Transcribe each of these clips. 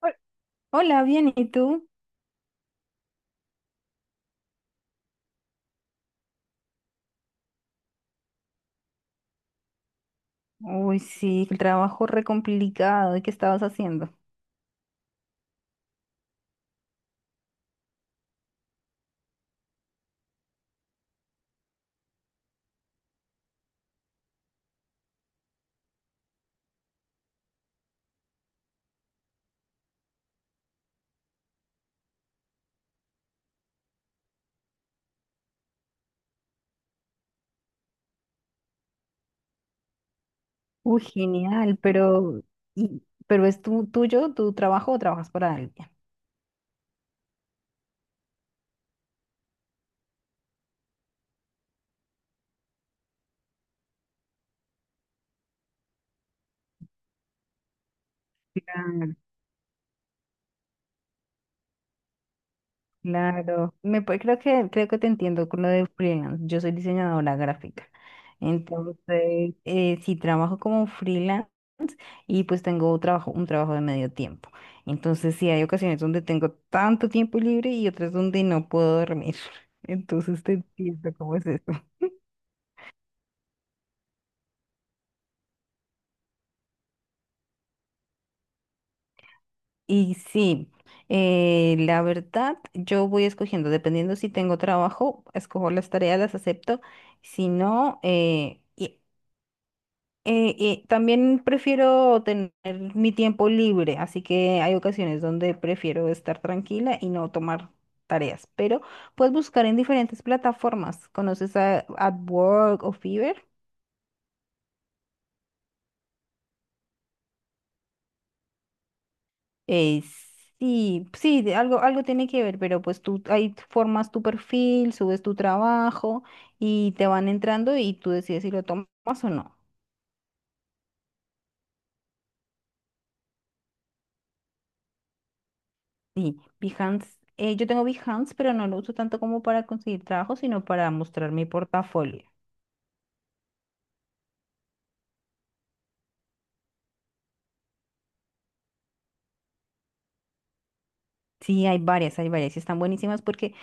Hol- Hola, bien, ¿y tú? Uy, sí, el trabajo re complicado. ¿Y qué estabas haciendo? Uy, genial, pero, y, pero ¿es tu trabajo o trabajas para alguien? Claro. Claro, creo que te entiendo con lo de freelance. Yo soy diseñadora gráfica. Entonces, sí trabajo como freelance y pues tengo un trabajo de medio tiempo. Entonces, sí hay ocasiones donde tengo tanto tiempo libre y otras donde no puedo dormir. Entonces, te entiendo cómo es eso. Y sí, la verdad, yo voy escogiendo, dependiendo si tengo trabajo, escojo las tareas, las acepto. Si no, eh, y también prefiero tener mi tiempo libre, así que hay ocasiones donde prefiero estar tranquila y no tomar tareas, pero puedes buscar en diferentes plataformas. ¿Conoces a Upwork o Fiverr? Eh, sí, sí, de algo, algo tiene que ver, pero pues tú ahí formas tu perfil, subes tu trabajo y te van entrando y tú decides si lo tomas o no. Y Behance, yo tengo Behance, pero no lo uso tanto como para conseguir trabajo, sino para mostrar mi portafolio. Sí, hay varias y están buenísimas porque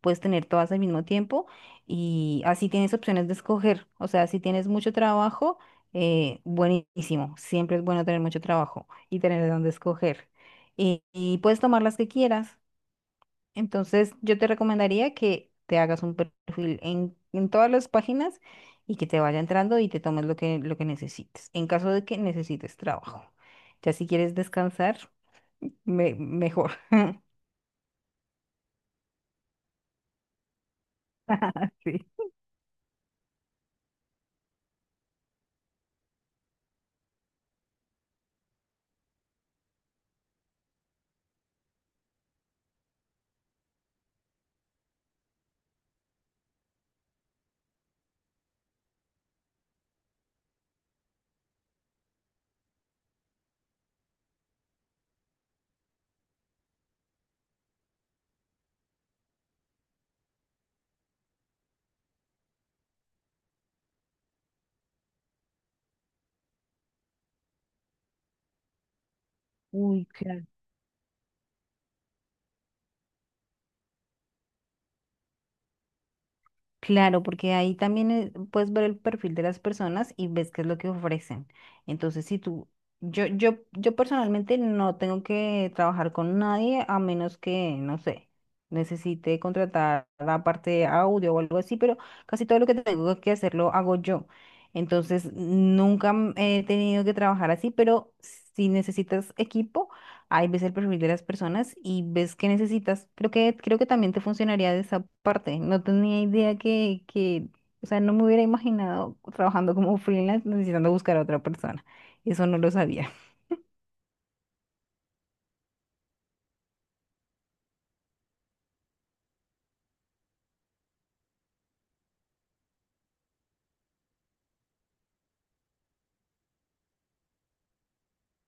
puedes tener todas al mismo tiempo y así tienes opciones de escoger. O sea, si tienes mucho trabajo, buenísimo. Siempre es bueno tener mucho trabajo y tener de dónde escoger. Y puedes tomar las que quieras. Entonces, yo te recomendaría que te hagas un perfil en todas las páginas y que te vaya entrando y te tomes lo que necesites, en caso de que necesites trabajo. Ya si quieres descansar, mejor. Sí. Uy, claro. Claro, porque ahí también puedes ver el perfil de las personas y ves qué es lo que ofrecen. Entonces, si tú, yo personalmente no tengo que trabajar con nadie a menos que, no sé, necesite contratar la parte de audio o algo así, pero casi todo lo que tengo que hacer lo hago yo. Entonces, nunca he tenido que trabajar así, pero si necesitas equipo, ahí ves el perfil de las personas y ves qué necesitas. Creo que también te funcionaría de esa parte. No tenía idea o sea, no me hubiera imaginado trabajando como freelance necesitando buscar a otra persona. Eso no lo sabía.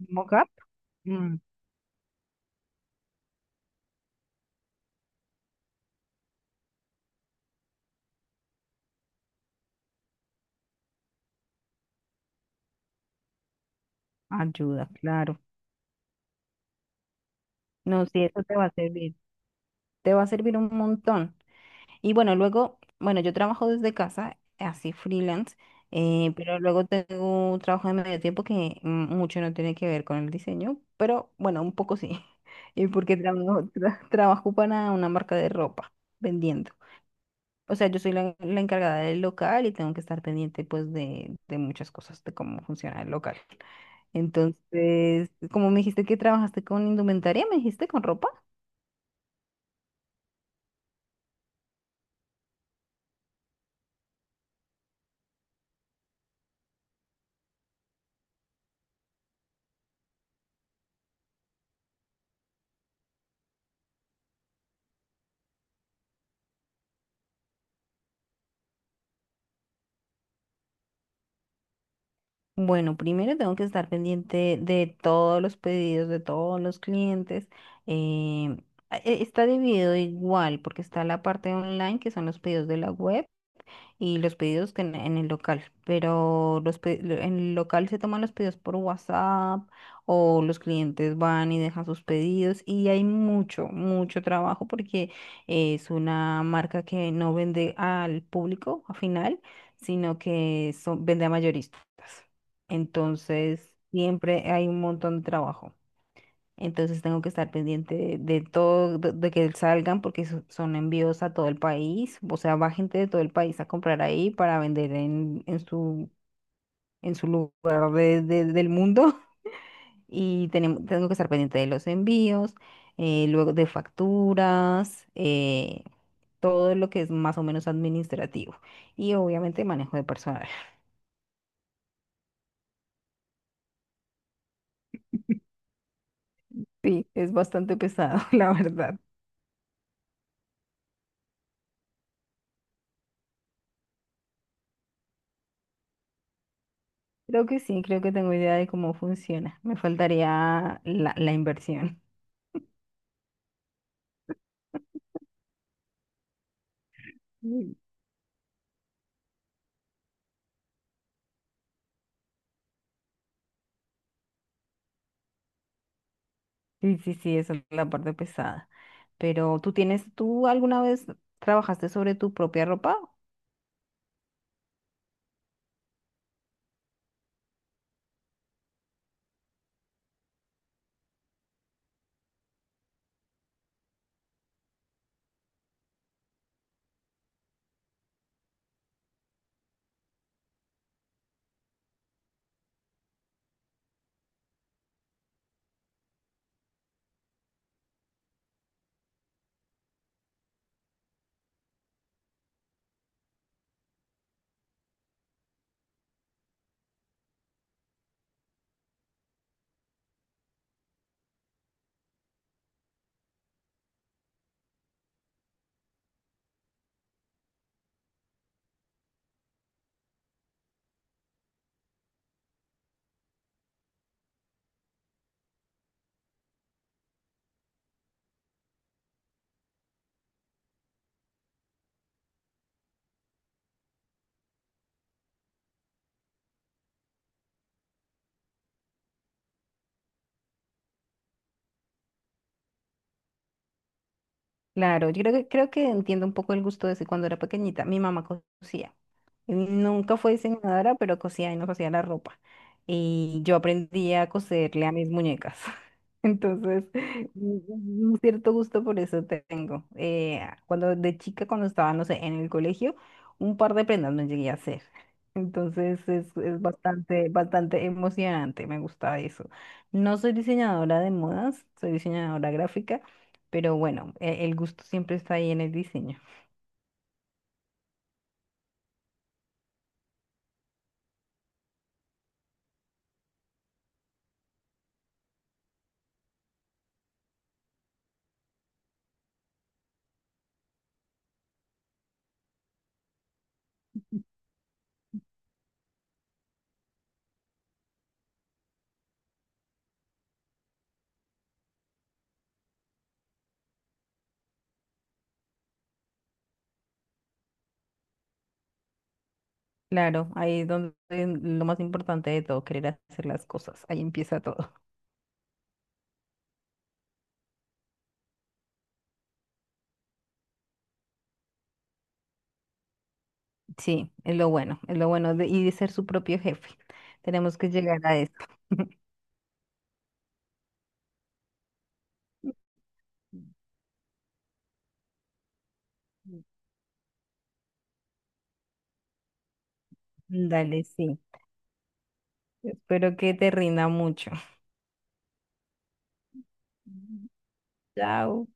Mockup, mm, ayuda, claro. No, sí, eso te va a servir. Te va a servir un montón. Y bueno, luego, bueno, yo trabajo desde casa, así freelance, pero luego tengo un trabajo de medio tiempo que mucho no tiene que ver con el diseño, pero bueno, un poco sí. Y porque trabajo para una marca de ropa vendiendo. O sea, yo soy la encargada del local y tengo que estar pendiente pues de muchas cosas, de cómo funciona el local. Entonces, como me dijiste que trabajaste con indumentaria, me dijiste con ropa. Bueno, primero tengo que estar pendiente de todos los pedidos de todos los clientes. em, está dividido igual porque está la parte online, que son los pedidos de la web, y los pedidos que en el local, pero en el local se toman los pedidos por WhatsApp o los clientes van y dejan sus pedidos y hay mucho, mucho trabajo porque es una marca que no vende al público al final, vende a mayoristas. Entonces, siempre hay un montón de trabajo. Entonces tengo que estar pendiente de todo, de que salgan porque son envíos a todo el país. O sea, va gente de todo el país a comprar ahí para vender en su lugar del mundo. Y tenemos, tengo que estar pendiente de los envíos, luego de facturas, todo lo que es más o menos administrativo. Y obviamente manejo de personal. Sí, es bastante pesado, la verdad. Creo que sí, creo que tengo idea de cómo funciona. Me faltaría la inversión. Mm. Sí, sí, sí, esa es la parte pesada. Pero tú tienes, ¿tú alguna vez trabajaste sobre tu propia ropa? Claro, yo creo que entiendo un poco el gusto de ese cuando era pequeñita. Mi mamá cosía. Nunca fue diseñadora, pero cosía y no cosía la ropa. Y yo aprendí a coserle a mis muñecas. Entonces, un un cierto gusto por eso tengo. Cuando de chica, cuando estaba, no sé, en el colegio, un par de prendas me llegué a hacer. Entonces es bastante, bastante emocionante, me gusta eso. No soy diseñadora de modas, soy diseñadora gráfica, pero bueno, el gusto siempre está ahí en el diseño. Claro, ahí es donde lo más importante de todo, querer hacer las cosas, ahí empieza todo. Sí, es lo bueno de, y de ser su propio jefe. Tenemos que llegar a eso. Dale, sí. Espero que te rinda mucho. Chao.